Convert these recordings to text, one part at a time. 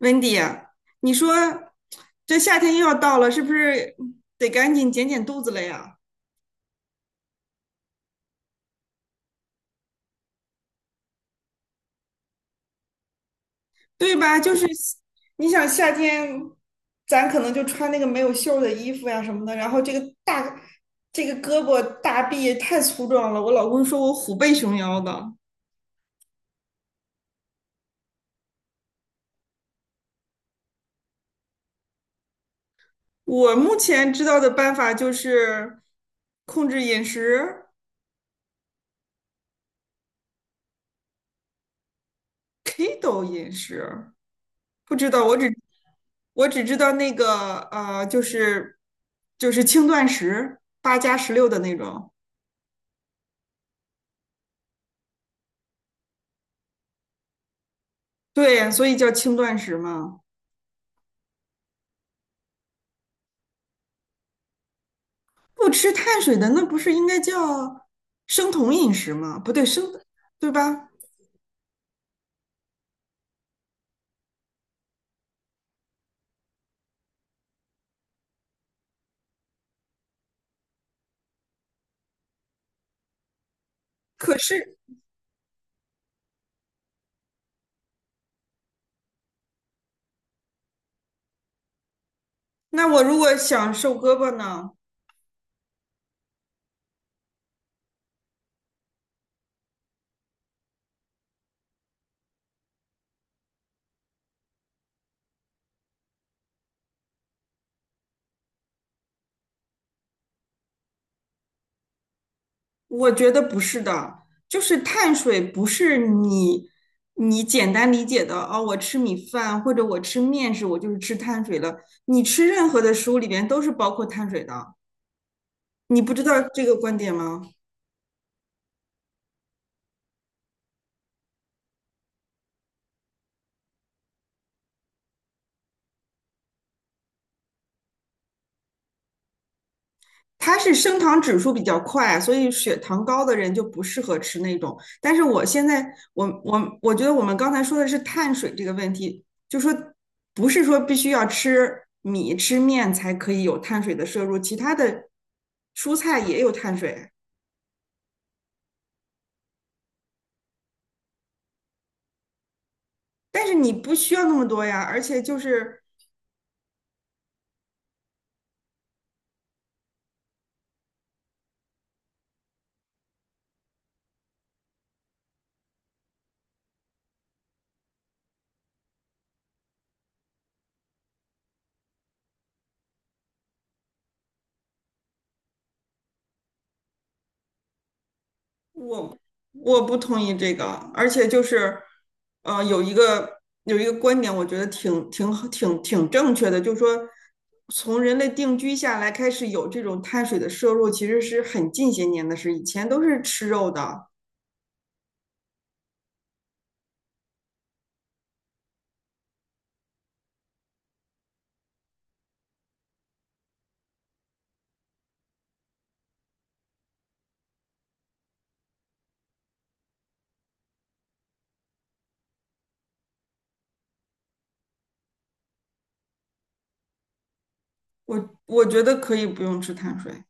Wendy，啊你说这夏天又要到了，是不是得赶紧减减肚子了呀？对吧？就是你想夏天，咱可能就穿那个没有袖儿的衣服呀什么的，然后这个大这个胳膊大臂也太粗壮了。我老公说我虎背熊腰的。我目前知道的办法就是控制饮食，keto 饮食。不知道，我只知道那个就是轻断食，8+16的那种。对，所以叫轻断食嘛。不吃碳水的，那不是应该叫生酮饮食吗？不对，生，对吧？可是，那我如果想瘦胳膊呢？我觉得不是的，就是碳水不是你简单理解的哦，我吃米饭或者我吃面食，我就是吃碳水了。你吃任何的食物里边都是包括碳水的，你不知道这个观点吗？它是升糖指数比较快，所以血糖高的人就不适合吃那种。但是我现在，我觉得我们刚才说的是碳水这个问题，就说不是说必须要吃米吃面才可以有碳水的摄入，其他的蔬菜也有碳水，但是你不需要那么多呀。而且就是我我不同意这个，而且就是，有一个观点，我觉得挺正确的，就是说，从人类定居下来开始有这种碳水的摄入，其实是很近些年的事，以前都是吃肉的。我觉得可以不用吃碳水。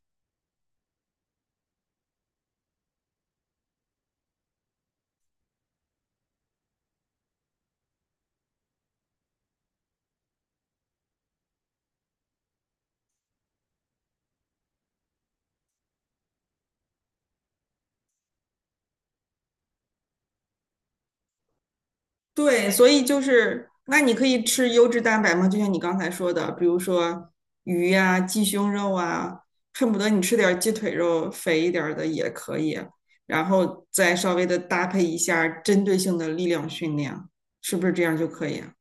对，所以就是，那你可以吃优质蛋白吗？就像你刚才说的，比如说鱼呀、鸡胸肉啊，恨不得你吃点儿鸡腿肉，肥一点儿的也可以，然后再稍微的搭配一下针对性的力量训练，是不是这样就可以啊。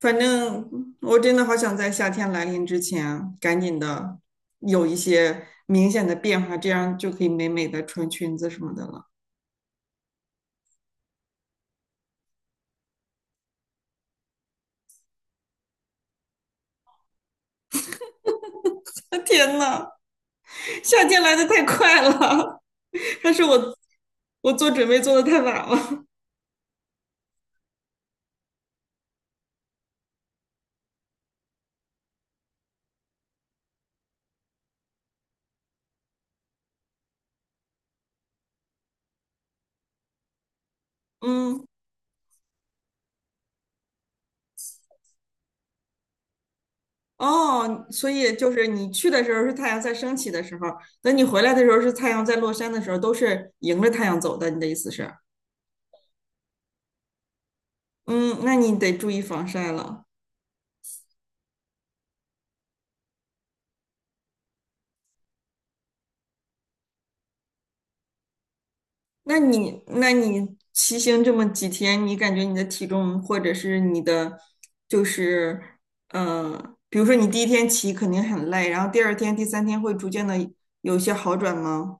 反正我真的好想在夏天来临之前，赶紧的有一些明显的变化，这样就可以美美的穿裙子什么的了。天呐！夏天来的太快了，还是我做准备做的太晚了。嗯，哦，所以就是你去的时候是太阳在升起的时候，等你回来的时候是太阳在落山的时候，都是迎着太阳走的。你的意思是？嗯，那你得注意防晒了。那你骑行这么几天，你感觉你的体重或者是你的就是比如说你第一天骑肯定很累，然后第二天、第三天会逐渐的有一些好转吗？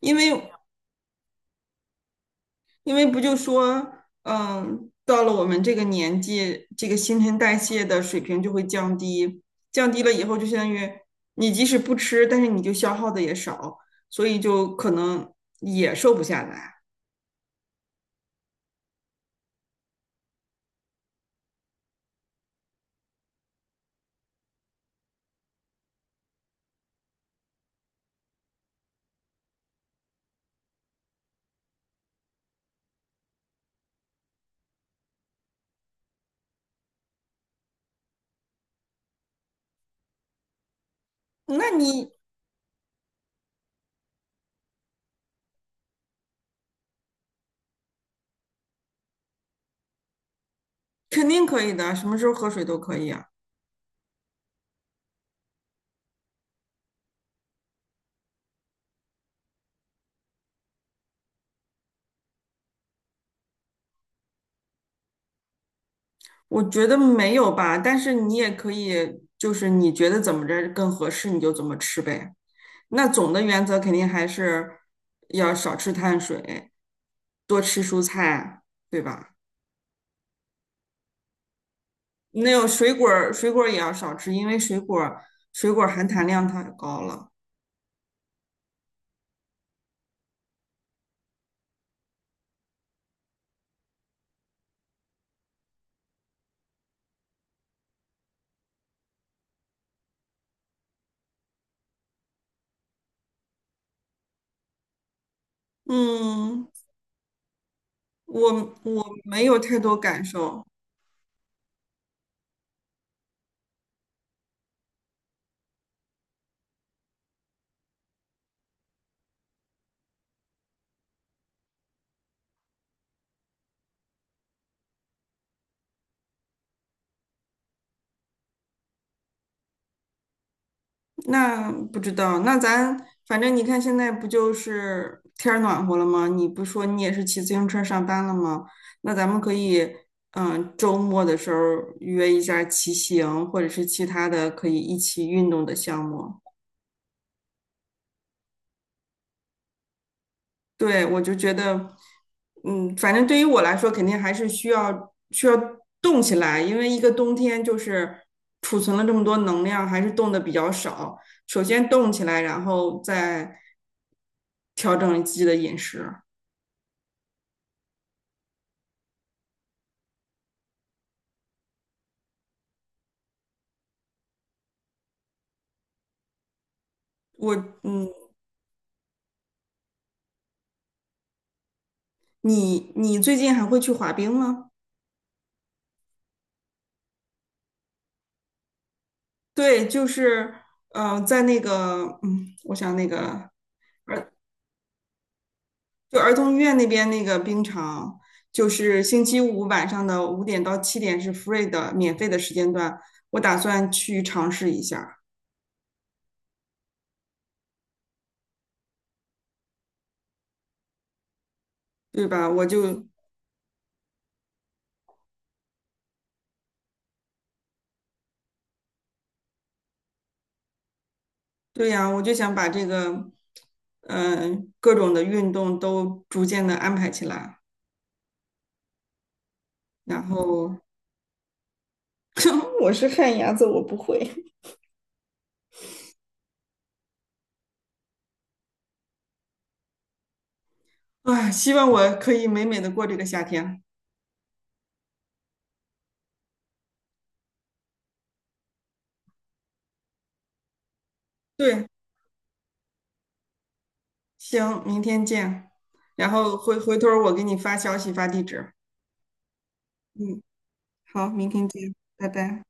因为因为不就说，嗯，到了我们这个年纪，这个新陈代谢的水平就会降低，降低了以后就相当于你即使不吃，但是你就消耗的也少，所以就可能也瘦不下来。那你肯定可以的，什么时候喝水都可以啊。我觉得没有吧，但是你也可以，就是你觉得怎么着更合适，你就怎么吃呗。那总的原则肯定还是要少吃碳水，多吃蔬菜，对吧？那有水果儿也要少吃，因为水果儿含糖量太高了。嗯，我没有太多感受。那不知道，那咱反正你看现在不就是天儿暖和了吗？你不说你也是骑自行车上班了吗？那咱们可以，嗯，周末的时候约一下骑行，或者是其他的可以一起运动的项目。对，我就觉得，嗯，反正对于我来说，肯定还是需要动起来，因为一个冬天就是储存了这么多能量，还是动的比较少。首先动起来，然后再调整自己的饮食。我，嗯，你最近还会去滑冰吗？对，就是，嗯，在那个，嗯，我想那个，呃就儿童医院那边那个冰场，就是星期五晚上的5点到7点是 free 的免费的时间段，我打算去尝试一下，对吧？我就对呀，我就想把这个，嗯、各种的运动都逐渐的安排起来，然后，我是旱鸭子，我不会。啊。希望我可以美美的过这个夏天。对，行，明天见，然后回头儿我给你发消息发地址。嗯，好，明天见，拜拜。